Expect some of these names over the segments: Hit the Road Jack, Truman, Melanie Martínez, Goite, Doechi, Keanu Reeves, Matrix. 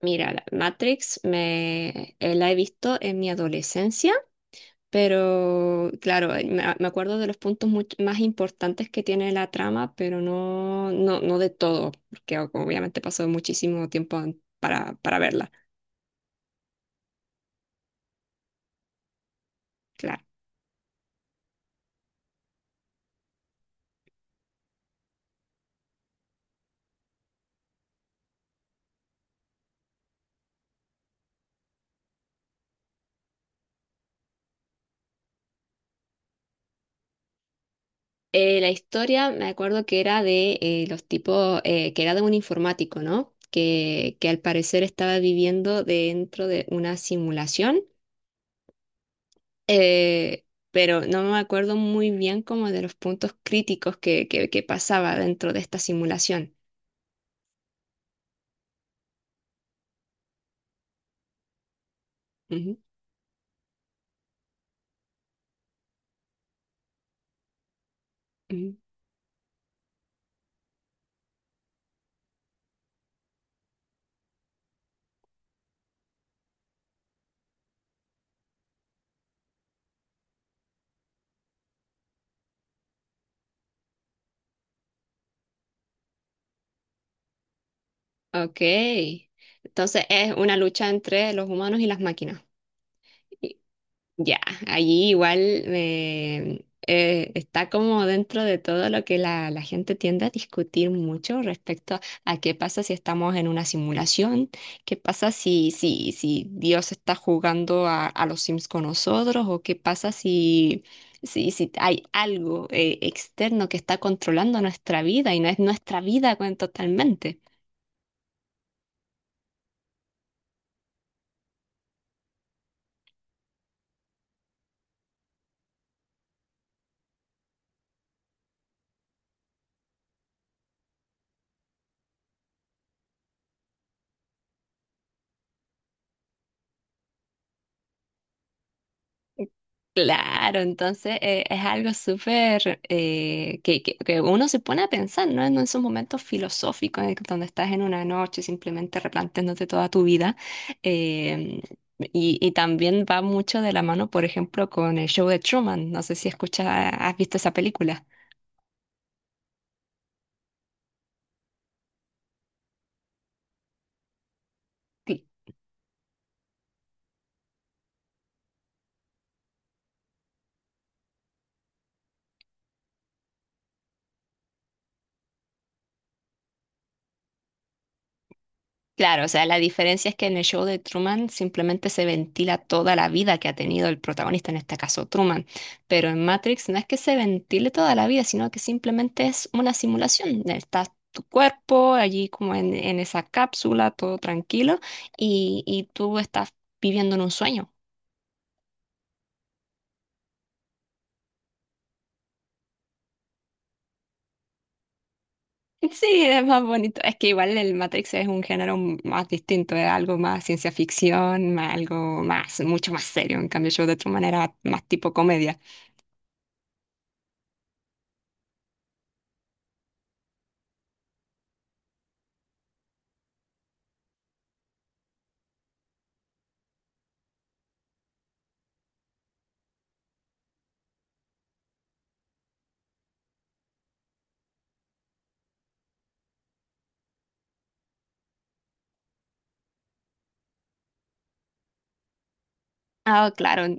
Mira, la Matrix me la he visto en mi adolescencia, pero claro, me acuerdo de los puntos más importantes que tiene la trama, pero no, no, no de todo, porque obviamente pasó muchísimo tiempo para verla. Claro. La historia me acuerdo que era de los tipos, que era de un informático, ¿no? Que al parecer estaba viviendo dentro de una simulación, eh, pero no me acuerdo muy bien como de los puntos críticos que pasaba dentro de esta simulación. Ujú, ujú. Ok, entonces es una lucha entre los humanos y las máquinas. Ya, allí igual está como dentro de todo lo que la gente tiende a discutir mucho respecto a qué pasa si estamos en una simulación, qué pasa si Dios está jugando a los Sims con nosotros, o qué pasa si hay algo externo que está controlando nuestra vida y no es nuestra vida totalmente. Claro, entonces es algo súper que uno se pone a pensar, ¿no? En esos momentos filosóficos en donde estás en una noche simplemente replanteándote toda tu vida. eh, y también va mucho de la mano, por ejemplo, con el show de Truman. No sé si escuchas, has visto esa película. Claro, o sea, la diferencia es que en el show de Truman simplemente se ventila toda la vida que ha tenido el protagonista, en este caso Truman, pero en Matrix no es que se ventile toda la vida, sino que simplemente es una simulación. Está tu cuerpo allí como en esa cápsula, todo tranquilo, y tú estás viviendo en un sueño. Sí, es más bonito. Es que igual el Matrix es un género más distinto, es algo más ciencia ficción, más algo más, mucho más serio. En cambio, el show de Truman era más tipo comedia. Ah, claro.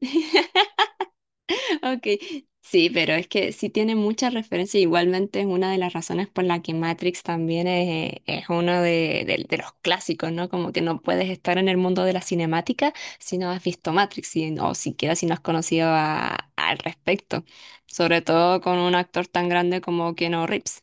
Ok, sí, pero es que sí tiene muchas referencias. Igualmente es una de las razones por la que Matrix también es uno de los clásicos, ¿no? Como que no puedes estar en el mundo de la cinemática si no has visto Matrix o siquiera si no has conocido al respecto. Sobre todo con un actor tan grande como Keanu Reeves.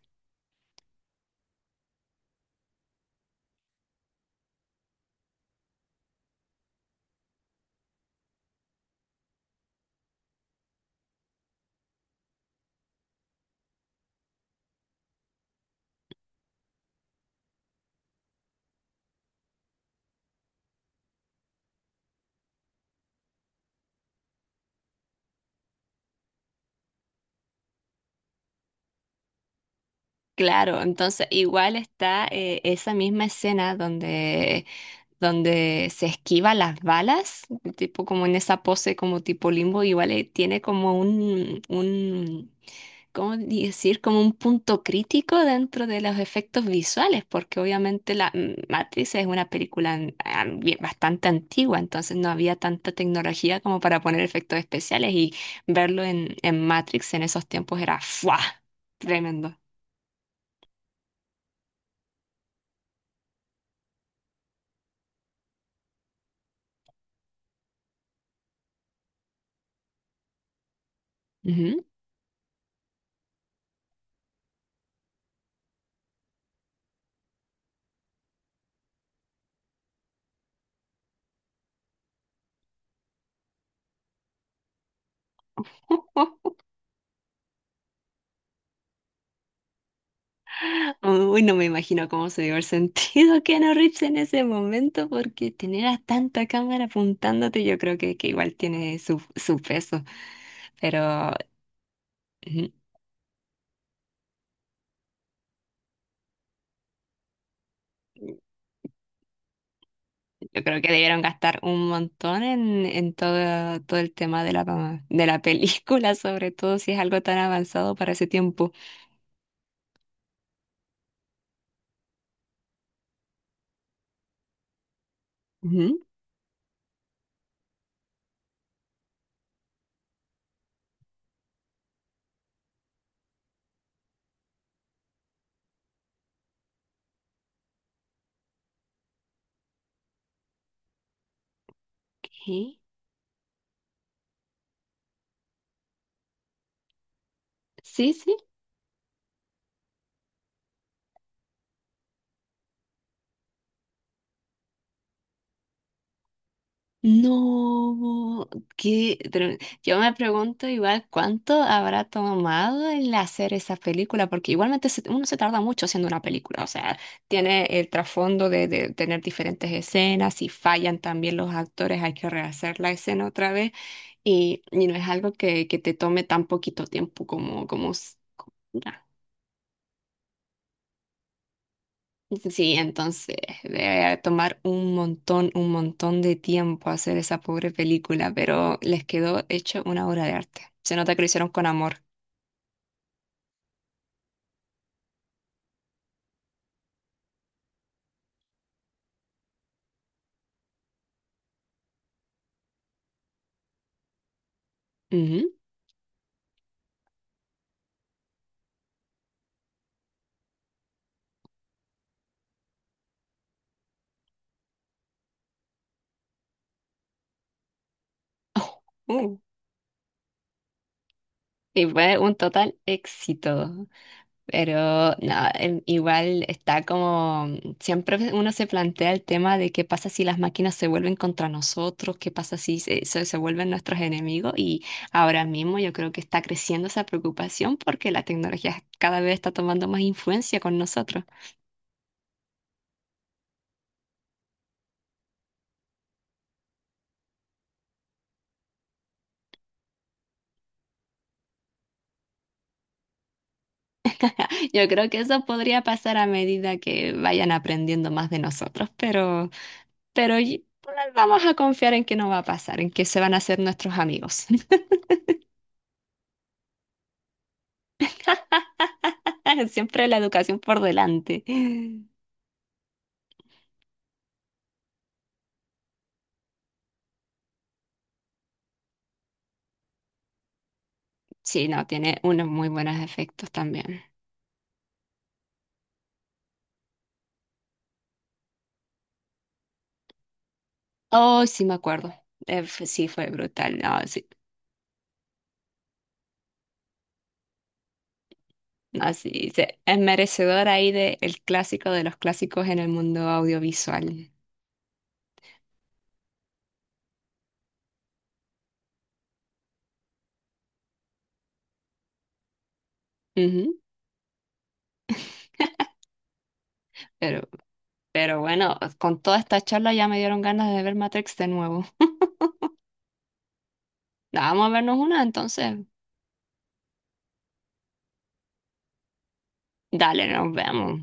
Claro, entonces igual está esa misma escena donde se esquiva las balas, tipo como en esa pose como tipo limbo, igual tiene como un, ¿cómo decir? Como un punto crítico dentro de los efectos visuales, porque obviamente la Matrix es una película bastante antigua, entonces no había tanta tecnología como para poner efectos especiales y verlo en, Matrix en esos tiempos era ¡fua! Tremendo. Ujú. Uy, no me imagino cómo se dio el sentido Keanu Reeves en ese momento, porque tener a tanta cámara apuntándote, yo creo que igual tiene su peso. Pero mm, yo creo que debieron gastar un montón en, todo, todo el tema de la, película, sobre todo si es algo tan avanzado para ese tiempo. Ujú. Ok. Sí, sí. No, qué tre- yo me pregunto igual cuánto habrá tomado el hacer esa película, porque igualmente uno se tarda mucho haciendo una película, o sea, tiene el trasfondo de, tener diferentes escenas, si fallan también los actores hay que rehacer la escena otra vez y no es algo que te tome tan poquito tiempo como. Sí, entonces debe tomar un montón de tiempo hacer esa pobre película, pero les quedó hecho una obra de arte. Se nota que lo hicieron con amor. Ujú. Oh, uh. Y fue un total éxito. Pero no, igual está como, siempre uno se plantea el tema de qué pasa si las máquinas se vuelven contra nosotros, qué pasa si se vuelven nuestros enemigos, y ahora mismo yo creo que está creciendo esa preocupación porque la tecnología cada vez está tomando más influencia con nosotros. Yo creo que eso podría pasar a medida que vayan aprendiendo más de nosotros, pero, pero y- vamos a confiar en que no va a pasar, en que se van a hacer nuestros amigos. Siempre la educación por delante. Sí, no, tiene unos muy buenos efectos también. Oh, sí, me acuerdo. Sí, fue brutal. No, sí, no, sí, es merecedor ahí de el clásico de los clásicos en el mundo audiovisual. Ujú. Pero, pero bueno, con toda esta charla ya me dieron ganas de ver Matrix de nuevo. Vamos a vernos una, entonces. Dale, nos vemos.